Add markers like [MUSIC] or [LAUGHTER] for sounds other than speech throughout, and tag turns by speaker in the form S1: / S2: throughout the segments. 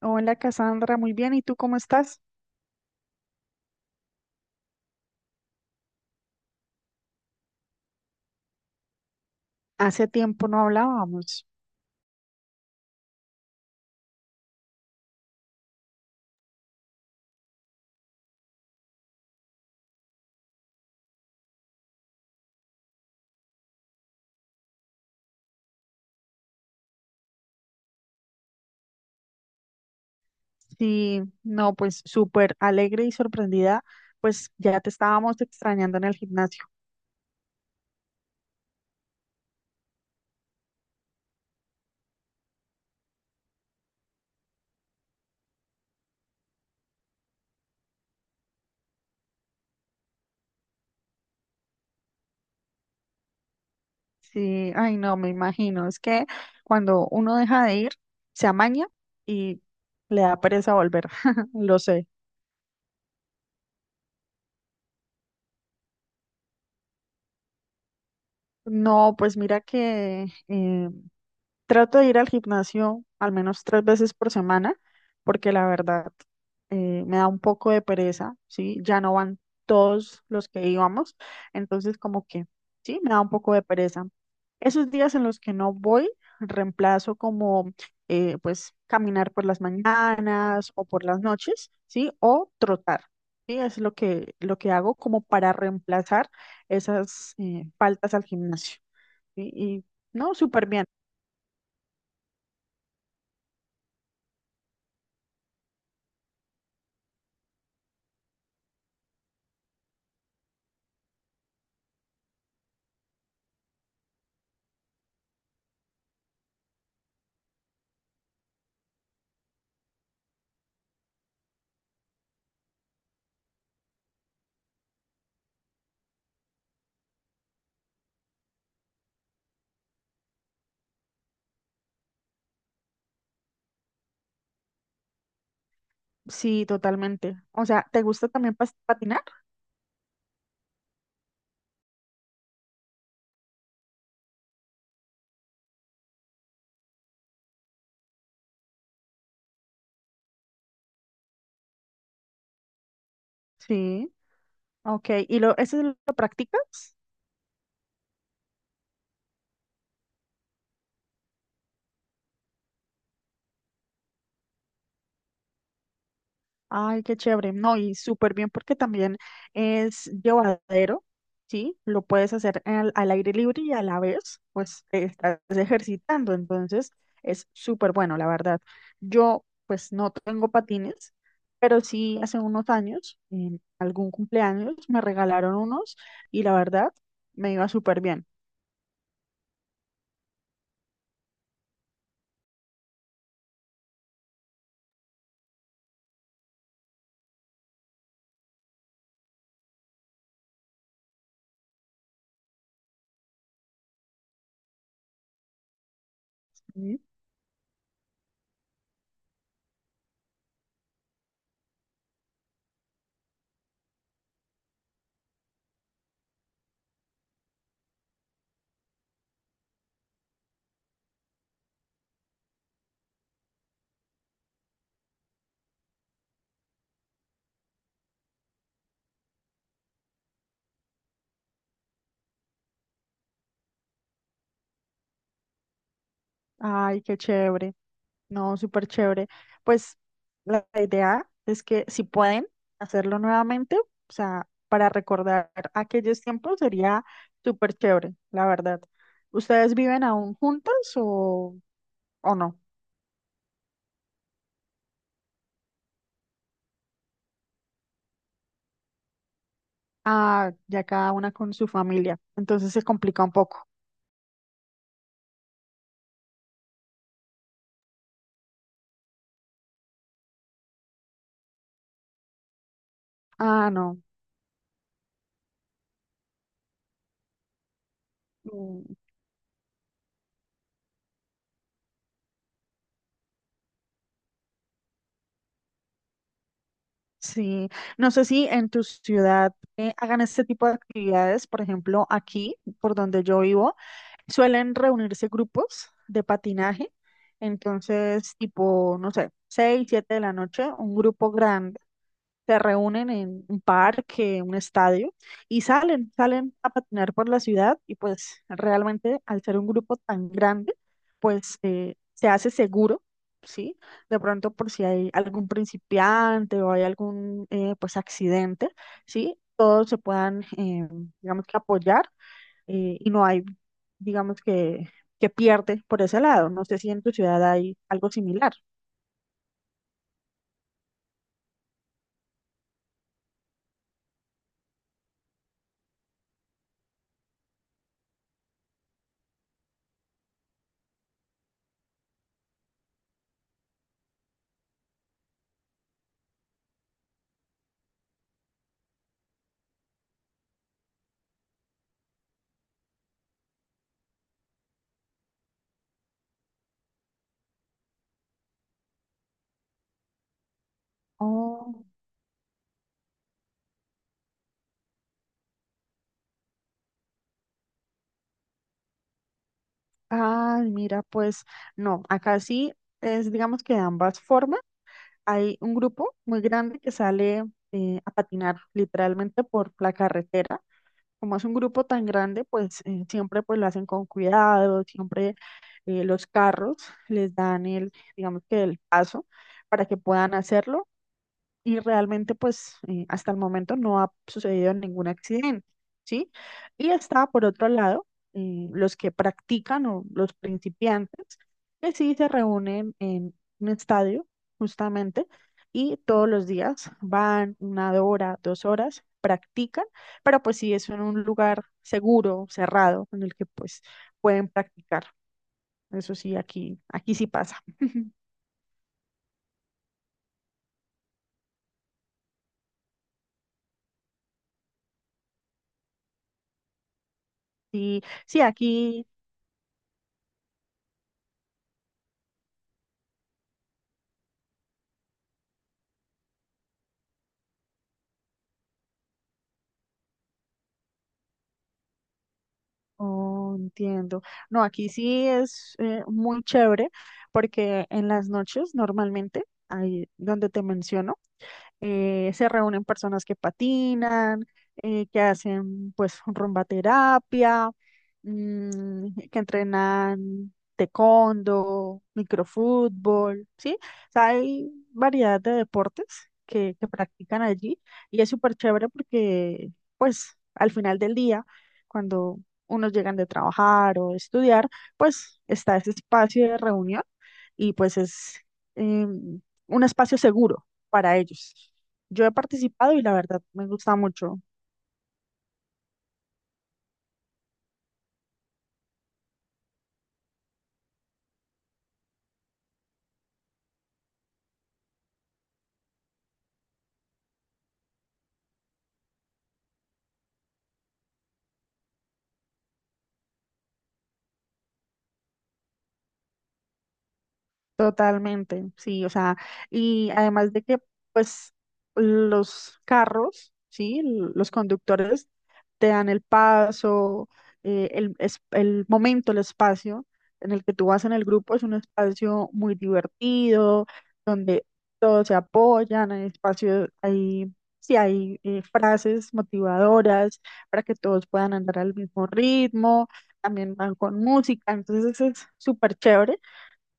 S1: Hola Cassandra, muy bien. ¿Y tú cómo estás? Hace tiempo no hablábamos. Sí, no, pues súper alegre y sorprendida, pues ya te estábamos extrañando en el gimnasio. Sí, ay no, me imagino. Es que cuando uno deja de ir, se amaña y le da pereza volver, [LAUGHS] lo sé. No, pues mira que trato de ir al gimnasio al menos 3 veces por semana, porque la verdad me da un poco de pereza, ¿sí? Ya no van todos los que íbamos, entonces como que, sí, me da un poco de pereza. Esos días en los que no voy, reemplazo como pues, caminar por las mañanas o por las noches, ¿sí? O trotar, ¿sí? Es lo que hago como para reemplazar esas faltas al gimnasio, ¿sí? Y, no, súper bien. Sí, totalmente. O sea, ¿te gusta también patinar? Sí. Ok, ¿y eso lo practicas? Ay, qué chévere. No, y súper bien porque también es llevadero, ¿sí? Lo puedes hacer al aire libre y a la vez, pues te estás ejercitando. Entonces, es súper bueno, la verdad. Yo, pues, no tengo patines, pero sí hace unos años, en algún cumpleaños, me regalaron unos y la verdad, me iba súper bien. Ujú. Ay, qué chévere. No, súper chévere. Pues la idea es que si pueden hacerlo nuevamente, o sea, para recordar aquellos tiempos sería súper chévere, la verdad. ¿Ustedes viven aún juntas o no? Ah, ya cada una con su familia, entonces se complica un poco. Ah, no. Mm. Sí, no sé si en tu ciudad hagan este tipo de actividades, por ejemplo, aquí, por donde yo vivo. Suelen reunirse grupos de patinaje, entonces tipo, no sé, 6 7 de la noche, un grupo grande, se reúnen en un parque, un estadio y salen a patinar por la ciudad y pues realmente al ser un grupo tan grande, pues se hace seguro, ¿sí? De pronto por si hay algún principiante o hay algún pues accidente, ¿sí? Todos se puedan digamos que apoyar y no hay, digamos que, que pierde por ese lado. No sé si en tu ciudad hay algo similar. Oh, ah, mira, pues no, acá sí es, digamos que de ambas formas. Hay un grupo muy grande que sale a patinar literalmente por la carretera. Como es un grupo tan grande, pues siempre pues lo hacen con cuidado, siempre los carros les dan digamos que el paso para que puedan hacerlo y realmente pues hasta el momento no ha sucedido ningún accidente, ¿sí? Y está por otro lado los que practican o los principiantes que sí se reúnen en un estadio justamente y todos los días van 1 hora, 2 horas, practican, pero pues sí es en un lugar seguro, cerrado, en el que pues pueden practicar. Eso sí, aquí sí pasa. [LAUGHS] Sí, sí, aquí. Oh, entiendo. No, aquí sí es muy chévere porque en las noches normalmente, ahí donde te menciono, se reúnen personas que patinan, que hacen pues rumba terapia, mm, que entrenan taekwondo, microfútbol, ¿sí? O sea, hay variedad de deportes que practican allí y es súper chévere porque pues al final del día, cuando unos llegan de trabajar o de estudiar, pues está ese espacio de reunión y pues es em, un espacio seguro para ellos. Yo he participado y la verdad me gusta mucho. Totalmente, sí, o sea, y además de que, pues, los carros, sí, los conductores te dan el paso, el momento, el espacio en el que tú vas en el grupo es un espacio muy divertido, donde todos se apoyan, hay espacio, sí, hay frases motivadoras para que todos puedan andar al mismo ritmo, también van con música, entonces es súper chévere.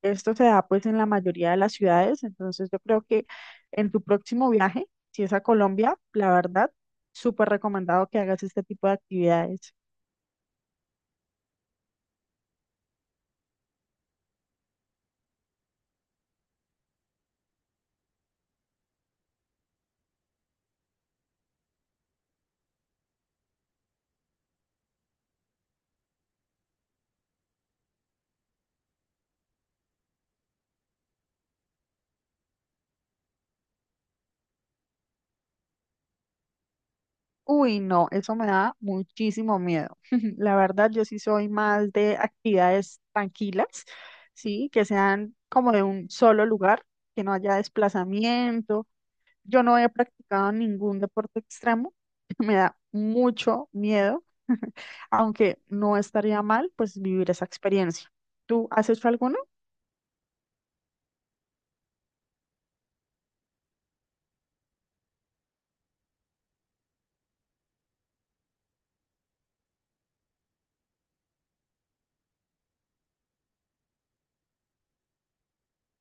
S1: Esto se da pues en la mayoría de las ciudades, entonces yo creo que en tu próximo viaje, si es a Colombia, la verdad, súper recomendado que hagas este tipo de actividades. Uy, no, eso me da muchísimo miedo. [LAUGHS] La verdad, yo sí soy más de actividades tranquilas, sí, que sean como de un solo lugar, que no haya desplazamiento. Yo no he practicado ningún deporte extremo, [LAUGHS] me da mucho miedo, [LAUGHS] aunque no estaría mal pues vivir esa experiencia. ¿Tú has hecho alguno?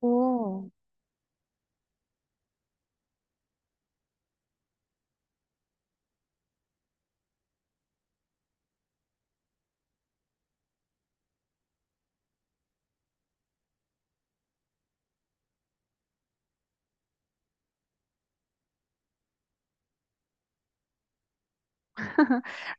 S1: Oh.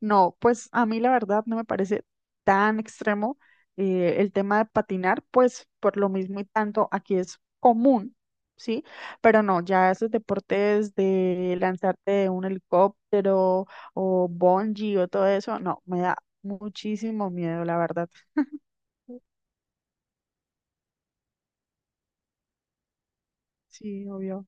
S1: No, pues a mí la verdad no me parece tan extremo el tema de patinar, pues por lo mismo y tanto aquí es común, ¿sí? Pero no, ya esos deportes de lanzarte de un helicóptero o bungee o todo eso, no, me da muchísimo miedo, la verdad. Sí, obvio.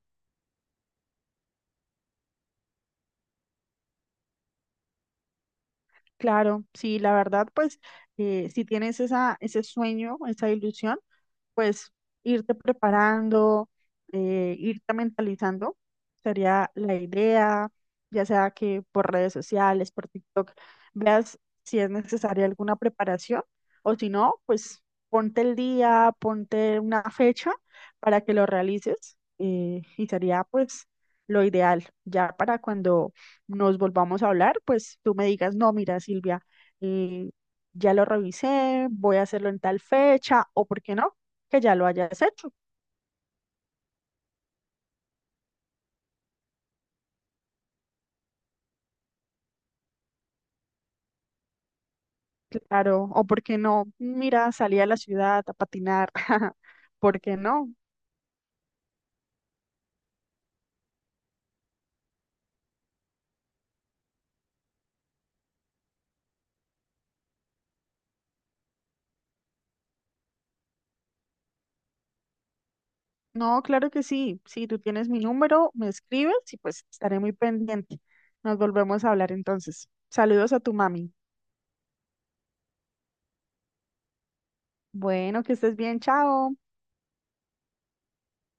S1: Claro, sí, la verdad, pues si tienes ese sueño, esa ilusión, pues irte preparando, irte mentalizando, sería la idea, ya sea que por redes sociales, por TikTok, veas si es necesaria alguna preparación o si no, pues ponte el día, ponte una fecha para que lo realices y sería pues lo ideal, ya para cuando nos volvamos a hablar, pues tú me digas, no, mira, Silvia, eh, ya lo revisé, voy a hacerlo en tal fecha, o por qué no, que ya lo hayas hecho, claro, o por qué no, mira, salí a la ciudad a patinar, [LAUGHS] ¿por qué no? No, claro que sí, si tú tienes mi número, me escribes y pues estaré muy pendiente. Nos volvemos a hablar entonces. Saludos a tu mami. Bueno, que estés bien, chao.